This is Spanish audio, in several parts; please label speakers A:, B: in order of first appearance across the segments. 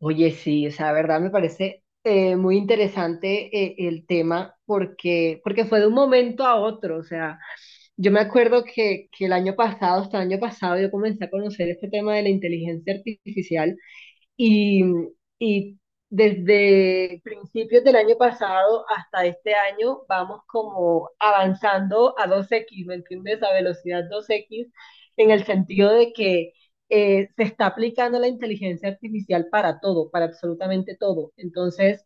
A: Oye, sí, o sea, la verdad me parece muy interesante el tema porque, fue de un momento a otro. O sea, yo me acuerdo que el año pasado, hasta el año pasado, yo comencé a conocer este tema de la inteligencia artificial y, y desde principios del año pasado hasta este año vamos como avanzando a 2x, ¿me entiendes? A velocidad 2x, en el sentido de que se está aplicando la inteligencia artificial para todo, para absolutamente todo. Entonces,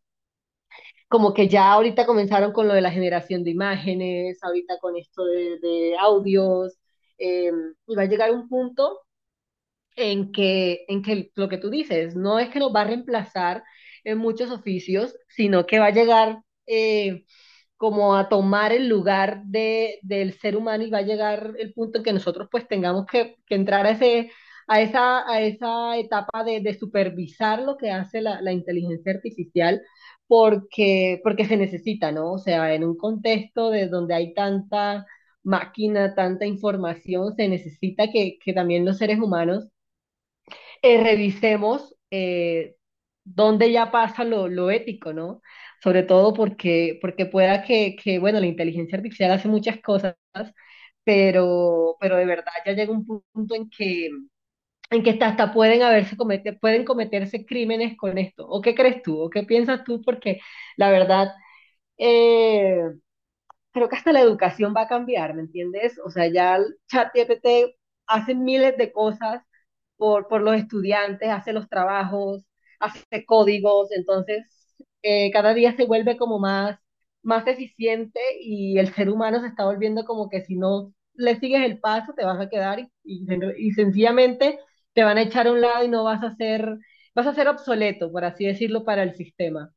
A: como que ya ahorita comenzaron con lo de la generación de imágenes, ahorita con esto de audios. eh, y va a llegar un punto en que lo que tú dices, no es que nos va a reemplazar en muchos oficios, sino que va a llegar eh, como a tomar el lugar del ser humano, y va a llegar el punto en que nosotros pues tengamos que entrar a esa etapa de supervisar lo que hace la inteligencia artificial porque, porque se necesita, ¿no? O sea, en un contexto de donde hay tanta máquina, tanta información, se necesita que también los seres humanos revisemos dónde ya pasa lo ético, ¿no? Sobre todo porque, porque pueda bueno, la inteligencia artificial hace muchas cosas, pero de verdad ya llega un punto en que hasta, hasta pueden cometerse crímenes con esto. ¿O qué crees tú? ¿O qué piensas tú? Porque la verdad, eh, creo que hasta la educación va a cambiar, ¿me entiendes? O sea, ya el ChatGPT hace miles de cosas por los estudiantes, hace los trabajos, hace códigos. Entonces cada día se vuelve como más, más eficiente, y el ser humano se está volviendo como que si no le sigues el paso te vas a quedar y sencillamente te van a echar a un lado y no vas a ser, vas a ser obsoleto, por así decirlo, para el sistema.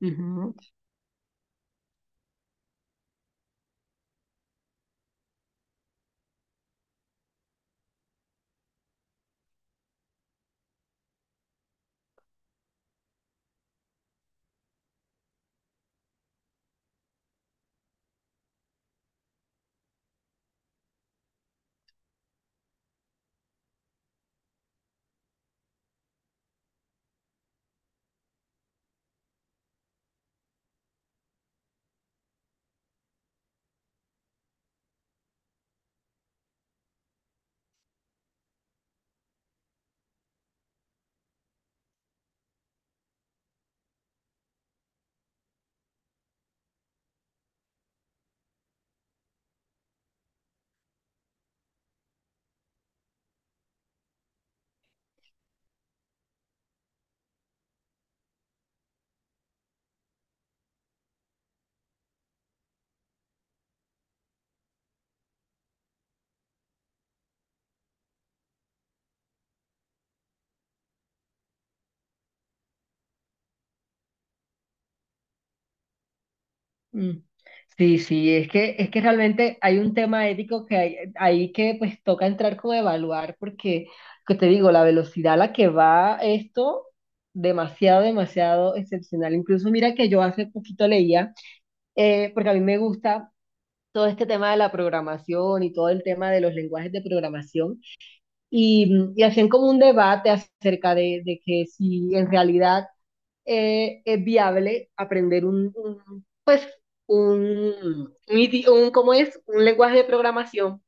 A: Ujú. Mm. Sí, sí, es que realmente hay un tema ético ahí que pues toca entrar como a evaluar, porque, que te digo, la velocidad a la que va esto, demasiado, demasiado excepcional. Incluso mira que yo hace poquito leía, porque a mí me gusta todo este tema de la programación y todo el tema de los lenguajes de programación, y hacían como un debate acerca de que si en realidad es viable aprender un, pues, un, un, idi- un- ¿cómo es? Un lenguaje de programación.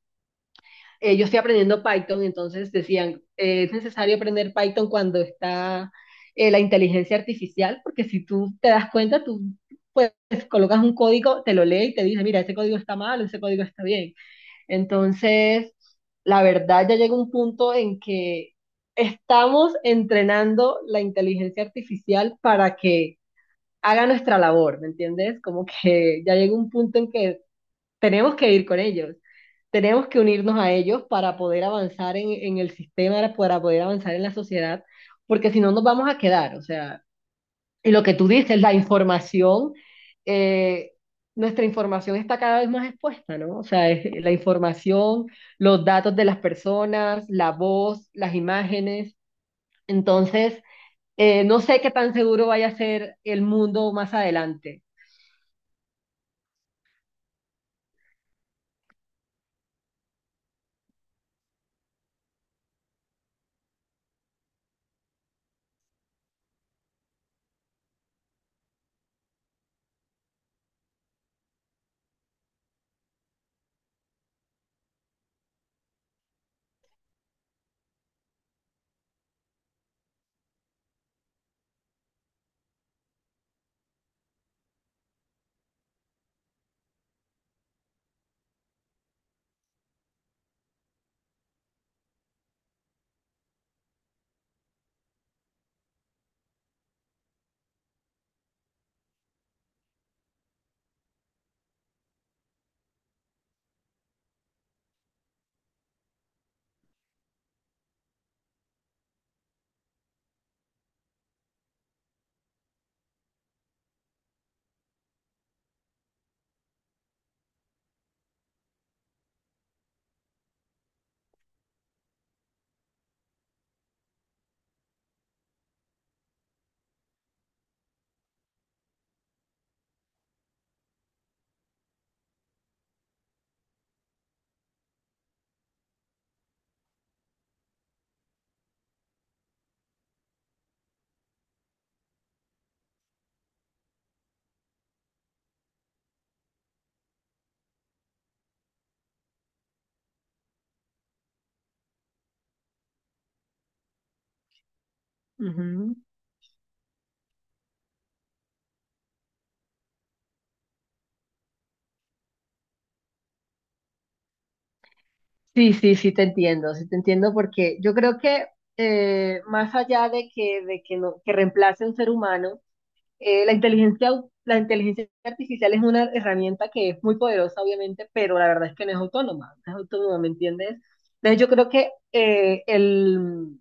A: Yo estoy aprendiendo Python. Entonces decían, es necesario aprender Python cuando está la inteligencia artificial, porque si tú te das cuenta, tú pues colocas un código, te lo lee y te dice, mira, ese código está mal, ese código está bien. Entonces, la verdad ya llega un punto en que estamos entrenando la inteligencia artificial para que haga nuestra labor, ¿me entiendes? Como que ya llega un punto en que tenemos que ir con ellos, tenemos que unirnos a ellos para poder avanzar en el sistema, para poder avanzar en la sociedad, porque si no nos vamos a quedar, o sea, y lo que tú dices, la información, eh, nuestra información está cada vez más expuesta, ¿no? O sea, la información, los datos de las personas, la voz, las imágenes, entonces no sé qué tan seguro vaya a ser el mundo más adelante. Ujú. Sí, sí, sí te entiendo, sí te entiendo, porque yo creo que más allá no, que reemplace a un ser humano, la inteligencia artificial es una herramienta que es muy poderosa, obviamente, pero la verdad es que no es autónoma, no es autónoma, ¿me entiendes? Entonces yo creo que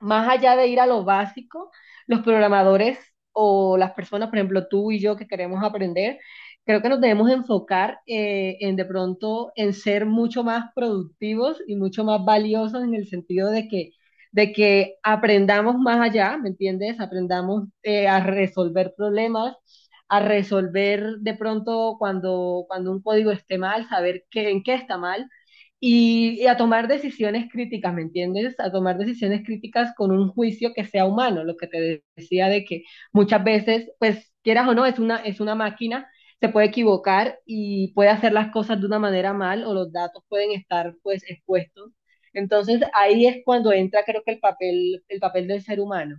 A: más allá de ir a lo básico, los programadores o las personas, por ejemplo, tú y yo que queremos aprender, creo que nos debemos enfocar en de pronto en ser mucho más productivos y mucho más valiosos, en el sentido de que aprendamos más allá, ¿me entiendes? Aprendamos a resolver problemas, a resolver de pronto cuando un código esté mal, saber en qué está mal, y a tomar decisiones críticas, ¿me entiendes? A tomar decisiones críticas con un juicio que sea humano, lo que te decía de que muchas veces, pues quieras o no, es una máquina, se puede equivocar y puede hacer las cosas de una manera mal o los datos pueden estar pues expuestos. Entonces ahí es cuando entra creo que el papel del ser humano.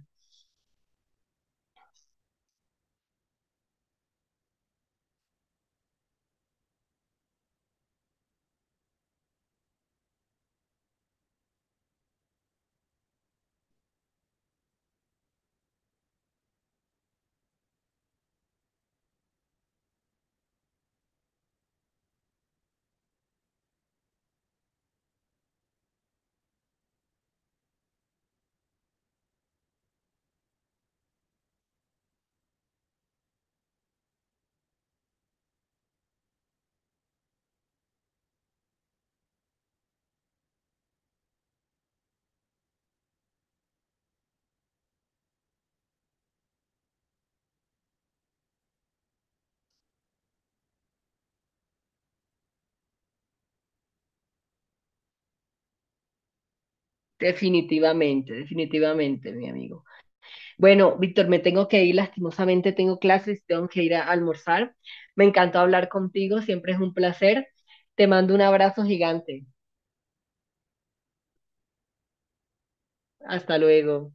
A: Definitivamente, definitivamente, mi amigo. Bueno, Víctor, me tengo que ir, lastimosamente tengo clases, tengo que ir a almorzar. Me encantó hablar contigo, siempre es un placer. Te mando un abrazo gigante. Hasta luego.